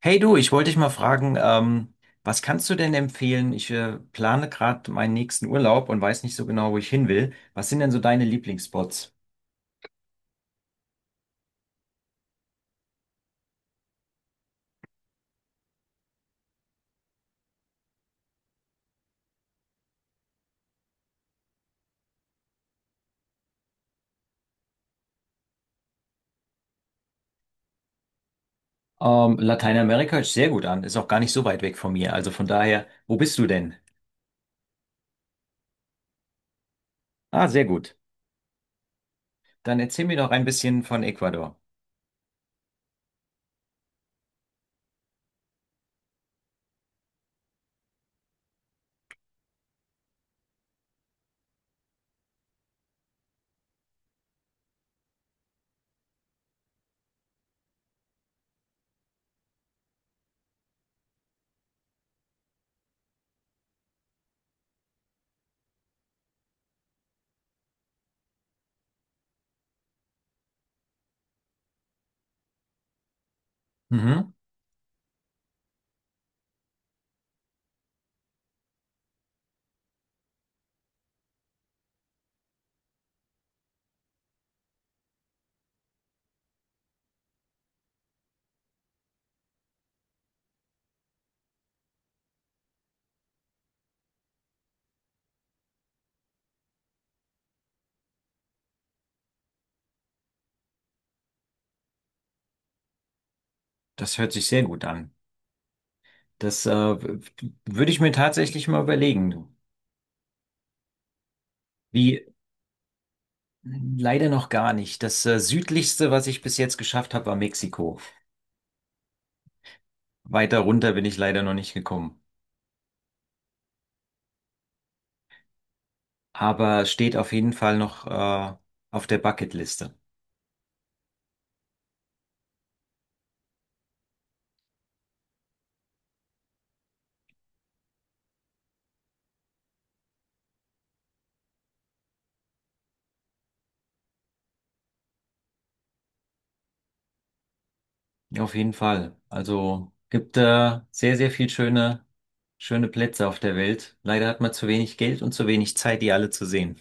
Hey du, ich wollte dich mal fragen, was kannst du denn empfehlen? Ich plane gerade meinen nächsten Urlaub und weiß nicht so genau, wo ich hin will. Was sind denn so deine Lieblingsspots? Lateinamerika hört sich sehr gut an, ist auch gar nicht so weit weg von mir. Also von daher, wo bist du denn? Ah, sehr gut. Dann erzähl mir doch ein bisschen von Ecuador. Mhm, das hört sich sehr gut an. Das würde ich mir tatsächlich mal überlegen. Wie, leider noch gar nicht. Das südlichste, was ich bis jetzt geschafft habe, war Mexiko. Weiter runter bin ich leider noch nicht gekommen. Aber steht auf jeden Fall noch auf der Bucketliste. Auf jeden Fall. Also gibt sehr, sehr viel schöne, schöne Plätze auf der Welt. Leider hat man zu wenig Geld und zu wenig Zeit, die alle zu sehen.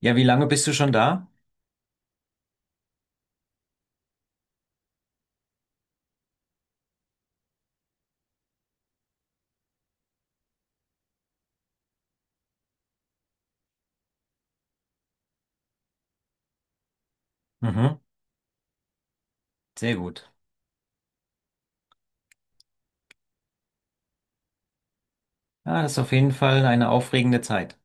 Ja, wie lange bist du schon da? Mhm. Sehr gut. Ja, das ist auf jeden Fall eine aufregende Zeit.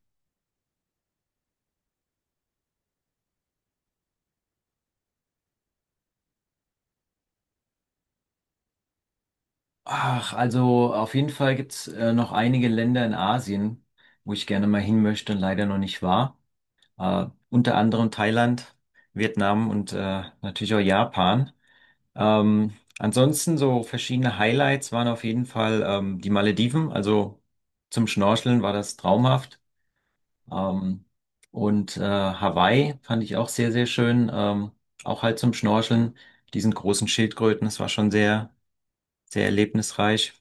Ach, also auf jeden Fall gibt's noch einige Länder in Asien, wo ich gerne mal hin möchte und leider noch nicht war. Unter anderem Thailand, Vietnam und natürlich auch Japan. Ansonsten so verschiedene Highlights waren auf jeden Fall die Malediven, also zum Schnorcheln war das traumhaft. Ähm, und Hawaii fand ich auch sehr, sehr schön, auch halt zum Schnorcheln, diesen großen Schildkröten, das war schon sehr, sehr erlebnisreich.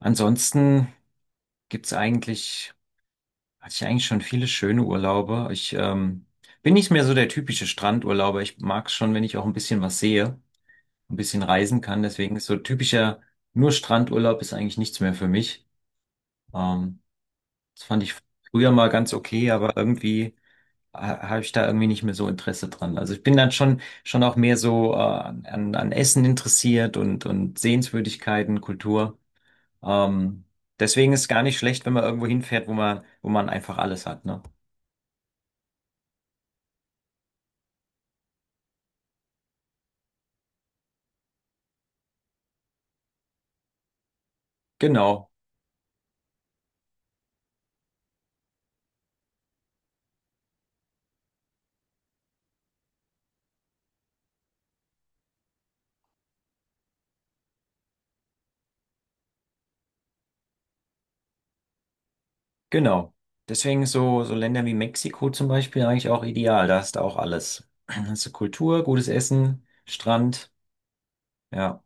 Ansonsten gibt's eigentlich hatte ich eigentlich schon viele schöne Urlaube. Ich bin nicht mehr so der typische Strandurlauber. Ich mag es schon, wenn ich auch ein bisschen was sehe, ein bisschen reisen kann. Deswegen ist so typischer nur Strandurlaub ist eigentlich nichts mehr für mich. Ähm, Das fand ich früher mal ganz okay, aber irgendwie habe ich da irgendwie nicht mehr so Interesse dran. Also ich bin dann schon auch mehr so an Essen interessiert und Sehenswürdigkeiten, Kultur. Ähm, deswegen ist es gar nicht schlecht, wenn man irgendwo hinfährt, wo man einfach alles hat, ne? Genau. Genau. Deswegen so Länder wie Mexiko zum Beispiel eigentlich auch ideal. Da hast du auch alles. Hast du Kultur, gutes Essen, Strand. Ja.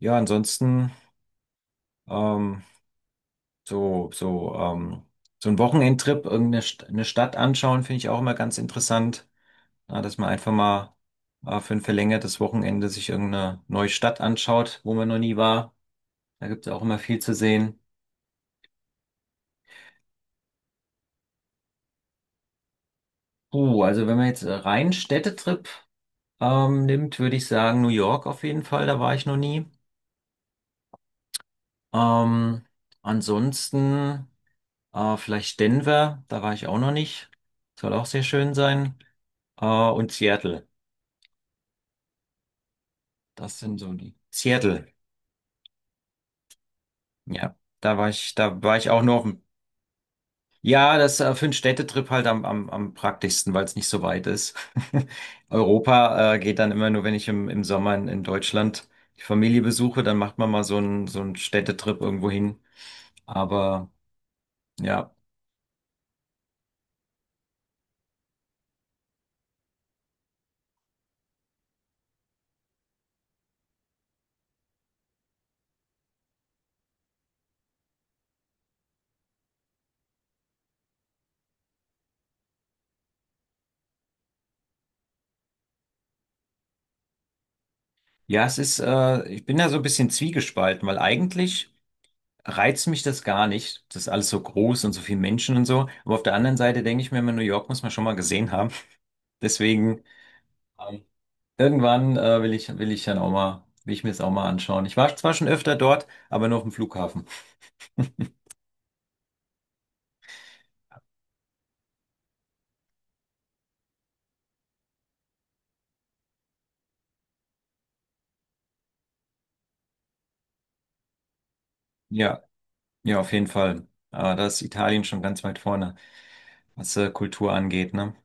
Ja, ansonsten ähm, so, so, ähm, so ein Wochenendtrip, irgendeine St eine Stadt anschauen, finde ich auch immer ganz interessant. Ja, dass man einfach mal für ein verlängertes Wochenende sich irgendeine neue Stadt anschaut, wo man noch nie war. Da gibt es auch immer viel zu sehen. Also wenn man jetzt rein Städtetrip nimmt, würde ich sagen, New York auf jeden Fall, da war ich noch nie. Ähm, Ansonsten vielleicht Denver, da war ich auch noch nicht. Soll auch sehr schön sein. Und Seattle, das sind so die. Seattle, ja, da war ich auch nur auf dem. Ja, das für einen Städtetrip halt am praktischsten, weil es nicht so weit ist. Europa geht dann immer nur, wenn ich im Sommer in Deutschland die Familie besuche, dann macht man mal so einen Städtetrip irgendwo hin. Aber ja, ja, ich bin da so ein bisschen zwiegespalten, weil eigentlich reizt mich das gar nicht. Das ist alles so groß und so viele Menschen und so. Aber auf der anderen Seite denke ich mir immer, New York muss man schon mal gesehen haben. Deswegen, ähm, irgendwann, will ich dann auch mal, will ich mir das auch mal anschauen. Ich war zwar schon öfter dort, aber nur auf dem Flughafen. Ja, ja, auf jeden Fall. Da ist Italien schon ganz weit vorne, was, Kultur angeht, ne?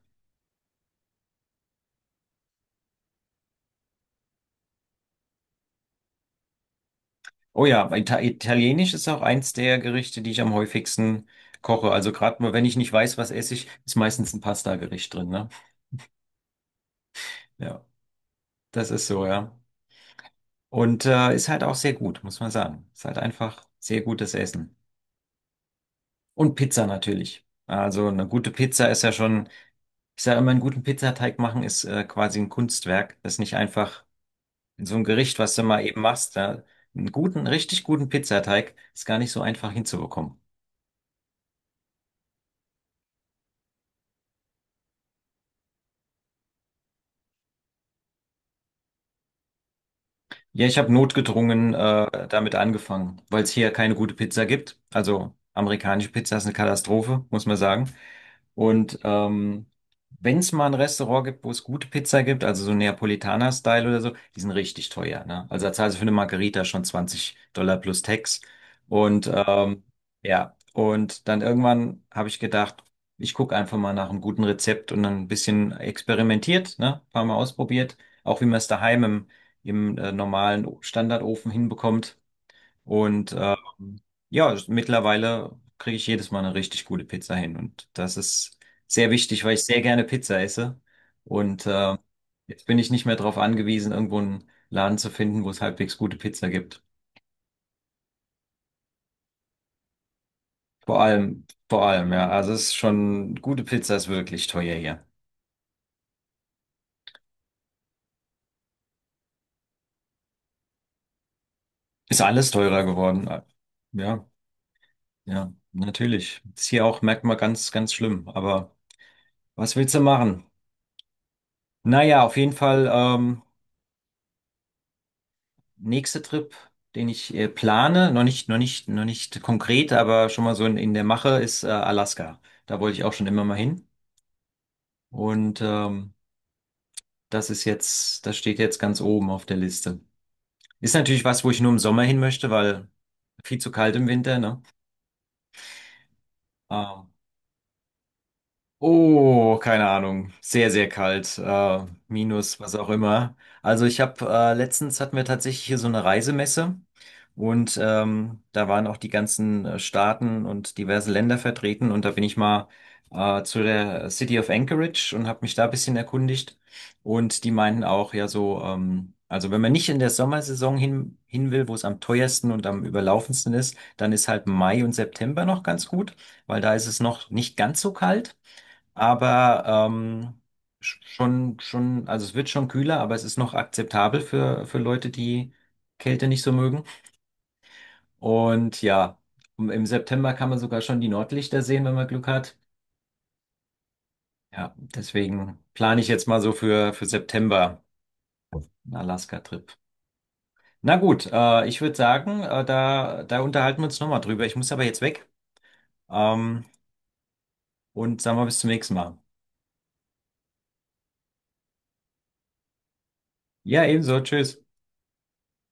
Oh ja, aber Italienisch ist auch eins der Gerichte, die ich am häufigsten koche. Also gerade mal, wenn ich nicht weiß, was esse ich, ist meistens ein Pasta-Gericht drin, ne? Ja, das ist so, ja. Und ist halt auch sehr gut, muss man sagen. Ist halt einfach sehr gutes Essen. Und Pizza natürlich. Also eine gute Pizza ist ja schon, ich sage immer, einen guten Pizzateig machen ist quasi ein Kunstwerk. Das ist nicht einfach in so einem Gericht, was du mal eben machst. Da, einen guten, richtig guten Pizzateig ist gar nicht so einfach hinzubekommen. Ja, ich habe notgedrungen damit angefangen, weil es hier keine gute Pizza gibt. Also amerikanische Pizza ist eine Katastrophe, muss man sagen. Und wenn es mal ein Restaurant gibt, wo es gute Pizza gibt, also so Neapolitaner-Style oder so, die sind richtig teuer. Ne? Also da zahlst du für eine Margarita schon $20 plus Tax. Und ja, und dann irgendwann habe ich gedacht, ich gucke einfach mal nach einem guten Rezept und dann ein bisschen experimentiert, ne? Ein paar Mal ausprobiert, auch wie man es daheim im normalen Standardofen hinbekommt. Und Mhm. ähm, ja, mittlerweile kriege ich jedes Mal eine richtig gute Pizza hin. Und das ist sehr wichtig, weil ich sehr gerne Pizza esse. Und jetzt bin ich nicht mehr darauf angewiesen, irgendwo einen Laden zu finden, wo es halbwegs gute Pizza gibt. Vor allem, ja. Also es ist schon, gute Pizza ist wirklich teuer hier. Ist alles teurer geworden. Ja, ja, natürlich. Ist hier auch, merkt man ganz, ganz schlimm. Aber was willst du machen? Naja, auf jeden Fall, nächster Trip, den ich plane, noch nicht, noch nicht, noch nicht konkret, aber schon mal so in der Mache, ist Alaska. Da wollte ich auch schon immer mal hin. Und das steht jetzt ganz oben auf der Liste. Ist natürlich was, wo ich nur im Sommer hin möchte, weil viel zu kalt im Winter, ne? Ähm, Oh, keine Ahnung. Sehr, sehr kalt. Minus, was auch immer. Also ich habe letztens hatten wir tatsächlich hier so eine Reisemesse und da waren auch die ganzen Staaten und diverse Länder vertreten und da bin ich mal zu der City of Anchorage und habe mich da ein bisschen erkundigt und die meinten auch, ja so, also wenn man nicht in der Sommersaison hin will, wo es am teuersten und am überlaufendsten ist, dann ist halt Mai und September noch ganz gut, weil da ist es noch nicht ganz so kalt, aber schon, schon, also es wird schon kühler, aber es ist noch akzeptabel für Leute, die Kälte nicht so mögen. Und ja, im September kann man sogar schon die Nordlichter sehen, wenn man Glück hat. Ja, deswegen plane ich jetzt mal so für September einen Alaska-Trip. Na gut, ich würde sagen, da unterhalten wir uns nochmal drüber. Ich muss aber jetzt weg. Ähm, und sagen wir bis zum nächsten Mal. Ja, ebenso. Tschüss.